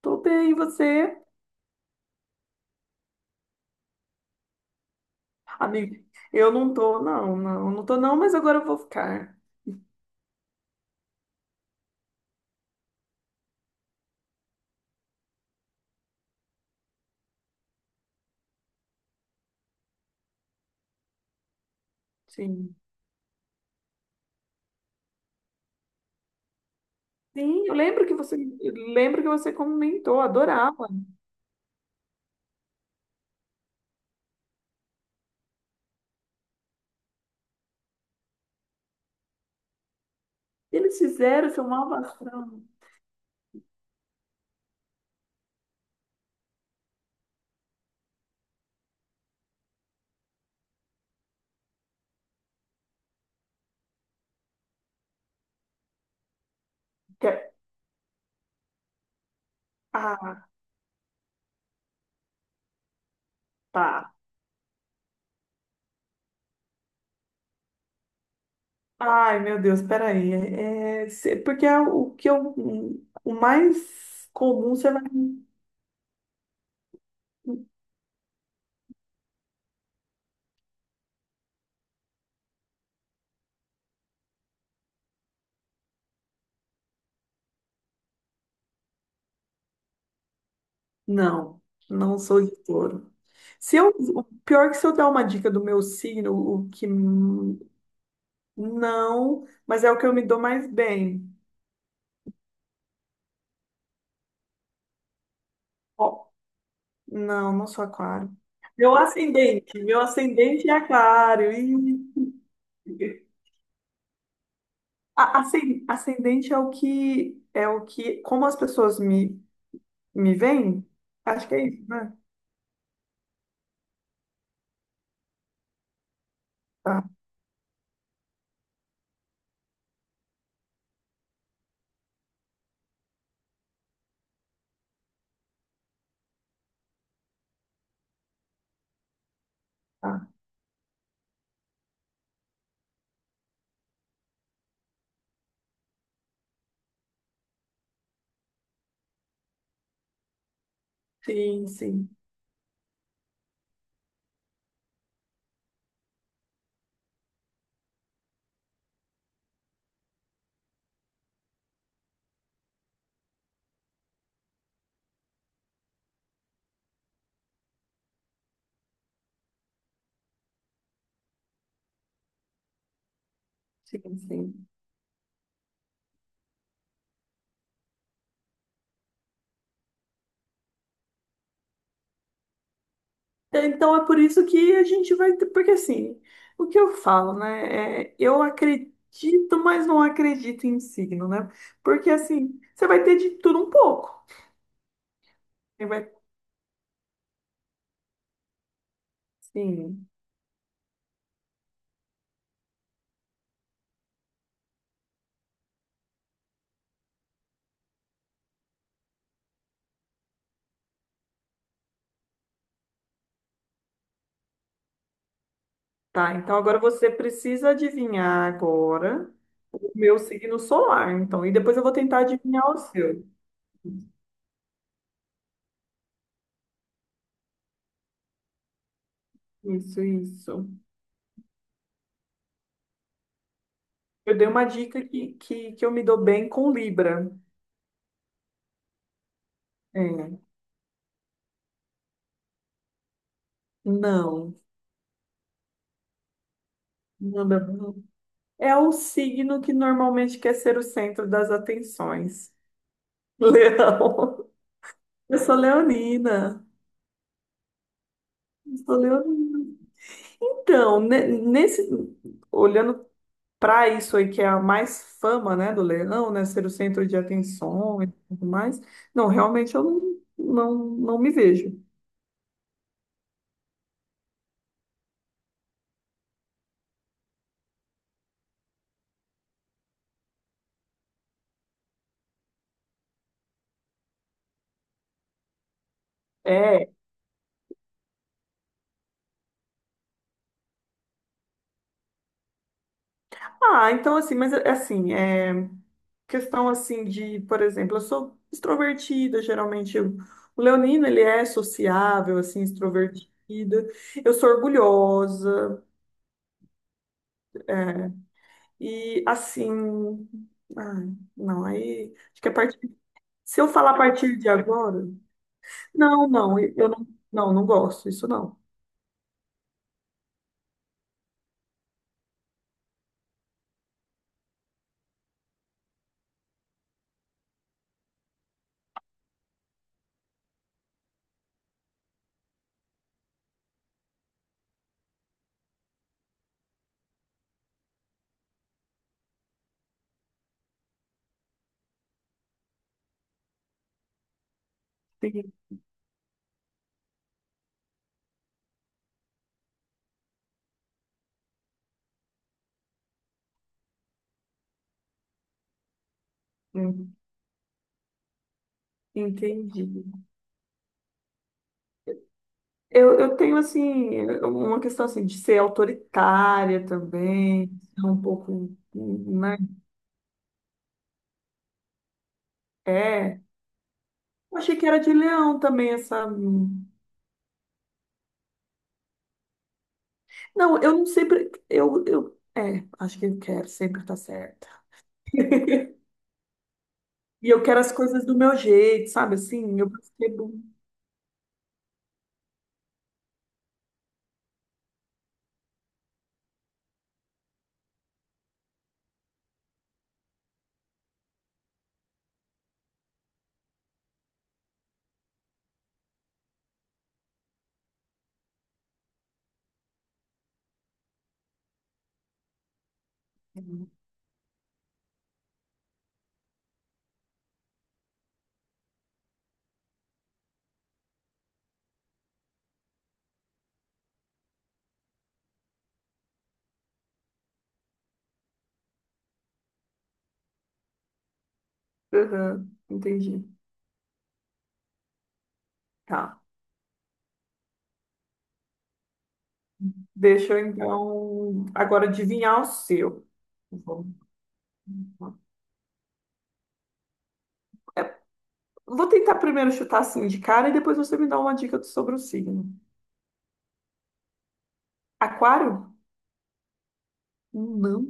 Tô bem, e você? Amigo, eu não tô não, mas agora eu vou ficar. Sim. Sim, eu lembro que você comentou, adorava. Eles fizeram seu malvação. Que- é, Ah, tá. Ai, meu Deus, peraí. Porque é o que eu, o mais comum você vai. Não, não sou de touro. Se eu, O pior é que se eu dar uma dica do meu signo, o que não, mas é o que eu me dou mais bem. Ó, não, não sou aquário. Meu ascendente é aquário. Ih. Ascendente é o que como as pessoas me veem, acho que é isso, né? Tá, tá. Sim, sim, sim, sim. Então é por isso que a gente vai, ter- porque assim, o que eu falo, né? É, eu acredito, mas não acredito em signo, né? Porque assim, você vai ter de tudo um pouco. Ele vai- Sim. Tá, então agora você precisa adivinhar agora o meu signo solar, então. E depois eu vou tentar adivinhar o seu. Isso, isso. Eu dei uma dica que eu me dou bem com Libra. É. Não. Não. É o signo que normalmente quer ser o centro das atenções. Leão. Eu sou leonina. Eu sou leonina. Então, olhando para isso aí que é a mais fama, né, do leão, né, ser o centro de atenção e tudo mais. Não, realmente eu não, não, não me vejo. É. Ah, então assim, mas assim, é questão assim de, por exemplo, eu sou extrovertida, o leonino ele é sociável, assim, extrovertida. Eu sou orgulhosa, é, e assim, ai, não, aí acho que a partir se eu falar a partir de agora não, não gosto, isso não. Entendi. Hum, Entendi. Eu tenho, assim, uma questão, assim, de ser autoritária também, ser um pouco, né? É, eu achei que era de leão também essa. Não, eu não sempre, eu, é, acho que eu quero, sempre estar certa. E eu quero as coisas do meu jeito, sabe, assim, eu percebo. Aham, entendi. Tá. Deixa eu então agora adivinhar o seu. Vou é, vou tentar primeiro chutar assim de cara e depois você me dá uma dica sobre o signo. Aquário? Não.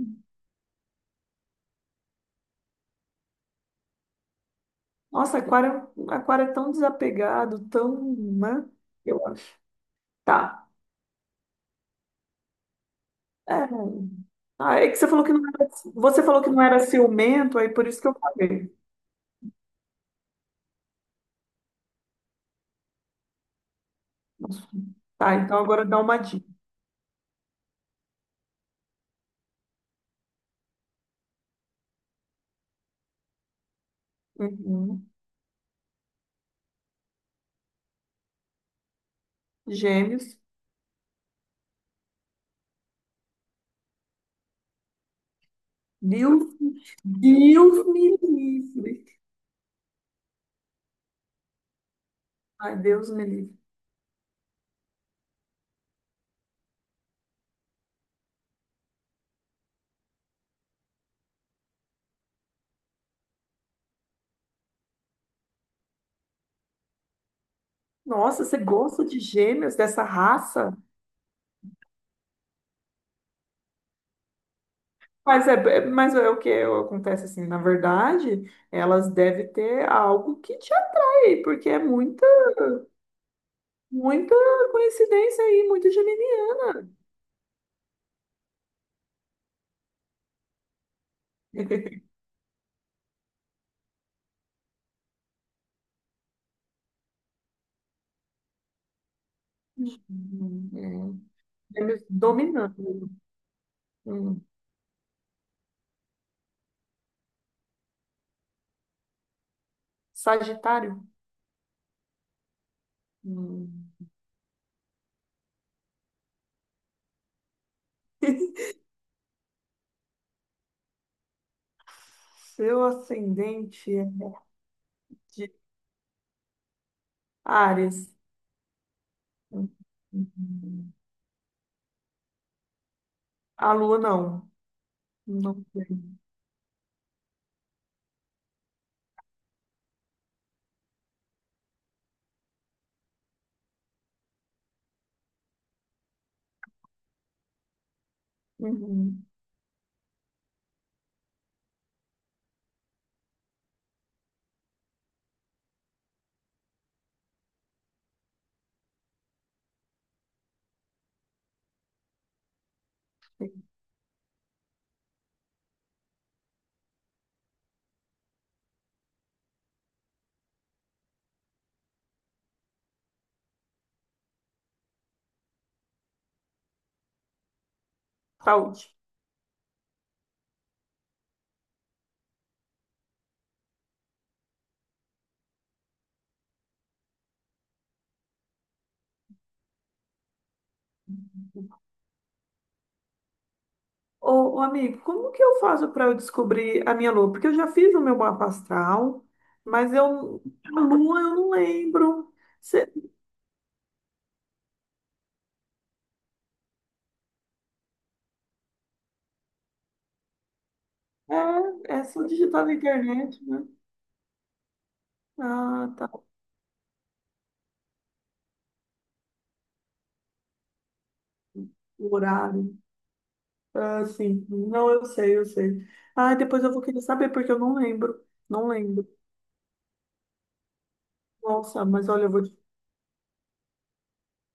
Nossa, aquário, é um, aquário é tão desapegado, tão, né? Eu acho. Tá. É. Ah, é que você falou que não era, você falou que não era ciumento, aí por isso que eu falei. Tá, então agora dá uma dica. Uhum. Gêmeos. Deus, Deus me livre. Ai, Deus me livre. Nossa, você gosta de gêmeos dessa raça? Mas é o que acontece assim, na verdade, elas devem ter algo que te atrai, porque é muita, muita coincidência aí, muito geminiano. É. Gêmeos dominando. Hum. Sagitário. Hum. Seu ascendente é de Áries. Hum. Hum. A lua não. Não tem. Uhum. Saúde. Ô, ô, amigo, como que eu faço para eu descobrir a minha lua? Porque eu já fiz o meu mapa astral, mas eu, a lua eu não lembro. Cê- É, é só digitar na internet, né? Ah, tá. O horário. Ah, sim. Não, eu sei, eu sei. Ah, depois eu vou querer saber, porque eu não lembro. Não lembro. Nossa, mas olha, eu vou te,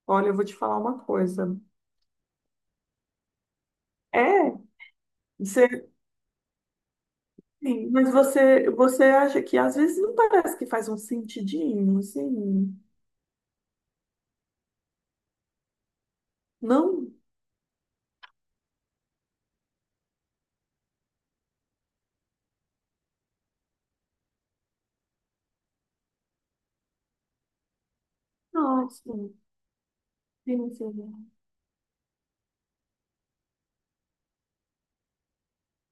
olha, eu vou te falar uma coisa. É, você, sim, mas você, você acha que às vezes não parece que faz um sentidinho, assim? Não? Nossa, sim, sim,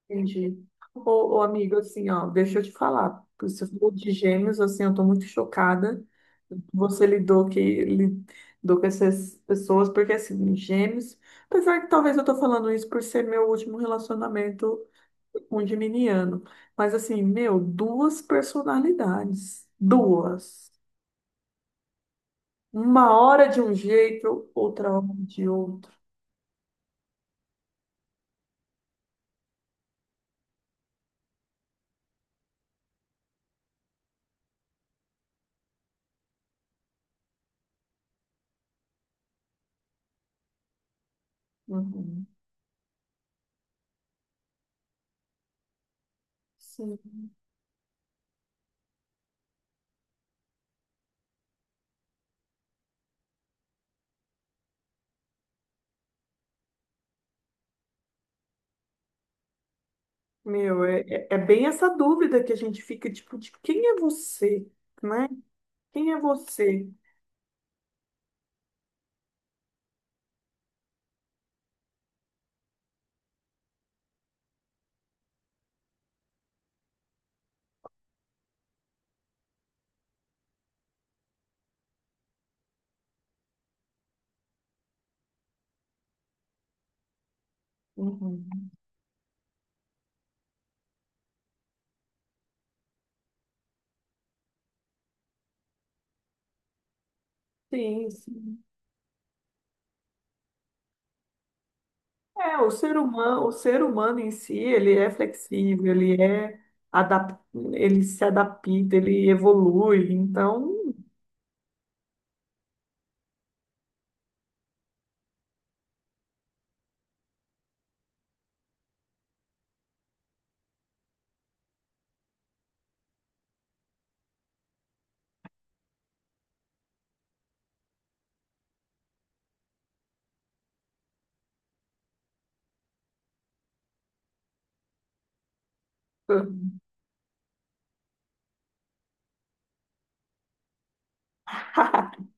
entendi. Ô, ô, amigo, assim, ó, deixa eu te falar. Você falou de gêmeos, assim, eu tô muito chocada. Você lidou que lidou com essas pessoas, porque assim, gêmeos, apesar que talvez eu tô falando isso por ser meu último relacionamento com um geminiano. Mas assim, meu, duas personalidades. Duas. Uma hora de um jeito, outra hora de outro. Uhum. Sim. Meu, é bem essa dúvida que a gente fica, tipo, de quem é você, né? Quem é você? Uhum. Sim, sim. É, o ser humano em si, ele é flexível, adap... ele se adapta, ele evolui. Então,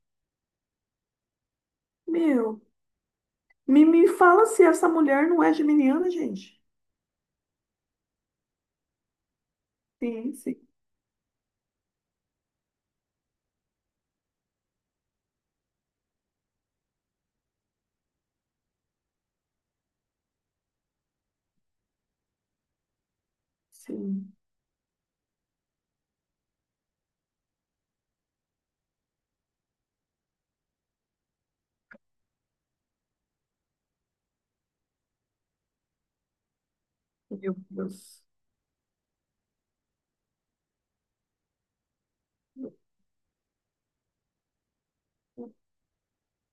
meu, me fala se essa mulher não é geminiana, gente. Sim, sim, sim. Meu Deus.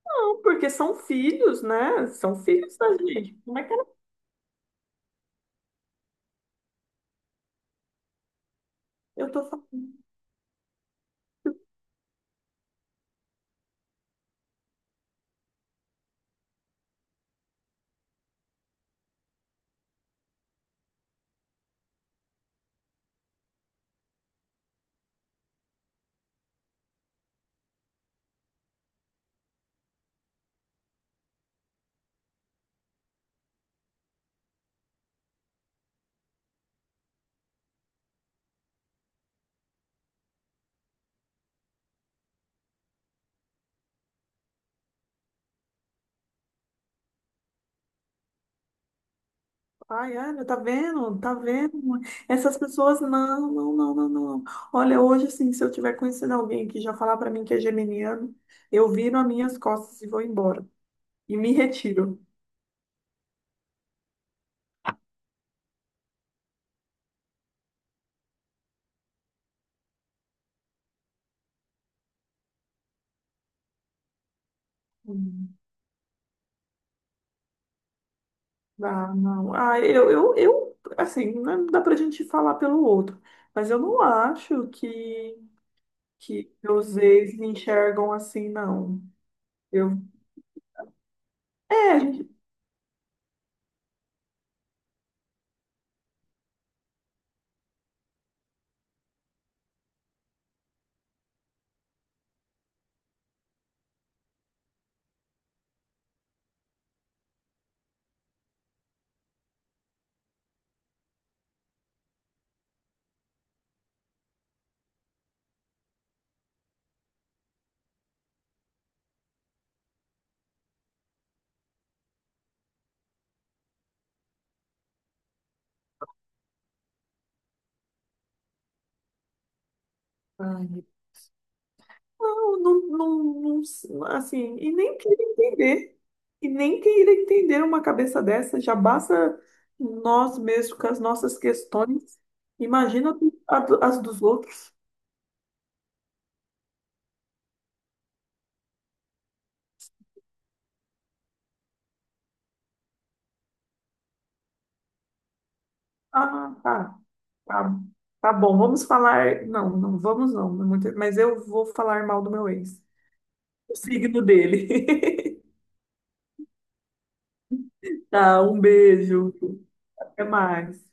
Não, porque são filhos, né? São filhos da gente. Como é que ela. Eu tô Ai, Ana, tá vendo? Tá vendo? Essas pessoas, não, não, não, não, não. Olha, hoje, assim, se eu tiver conhecendo alguém que já falar pra mim que é geminiano, eu viro as minhas costas e vou embora. E me retiro. Hum. Ah, não. Assim, não dá pra gente falar pelo outro. Mas eu não acho que meus ex me enxergam assim, não. Eu, é, a gente. Não, assim, e nem queira entender, e nem queira entender uma cabeça dessa, já basta nós mesmos com as nossas questões, imagina as dos outros. Ah, tá, tá, tá bom, vamos falar, não, não vamos não, mas eu vou falar mal do meu ex, o signo dele. Tá, um beijo, até mais.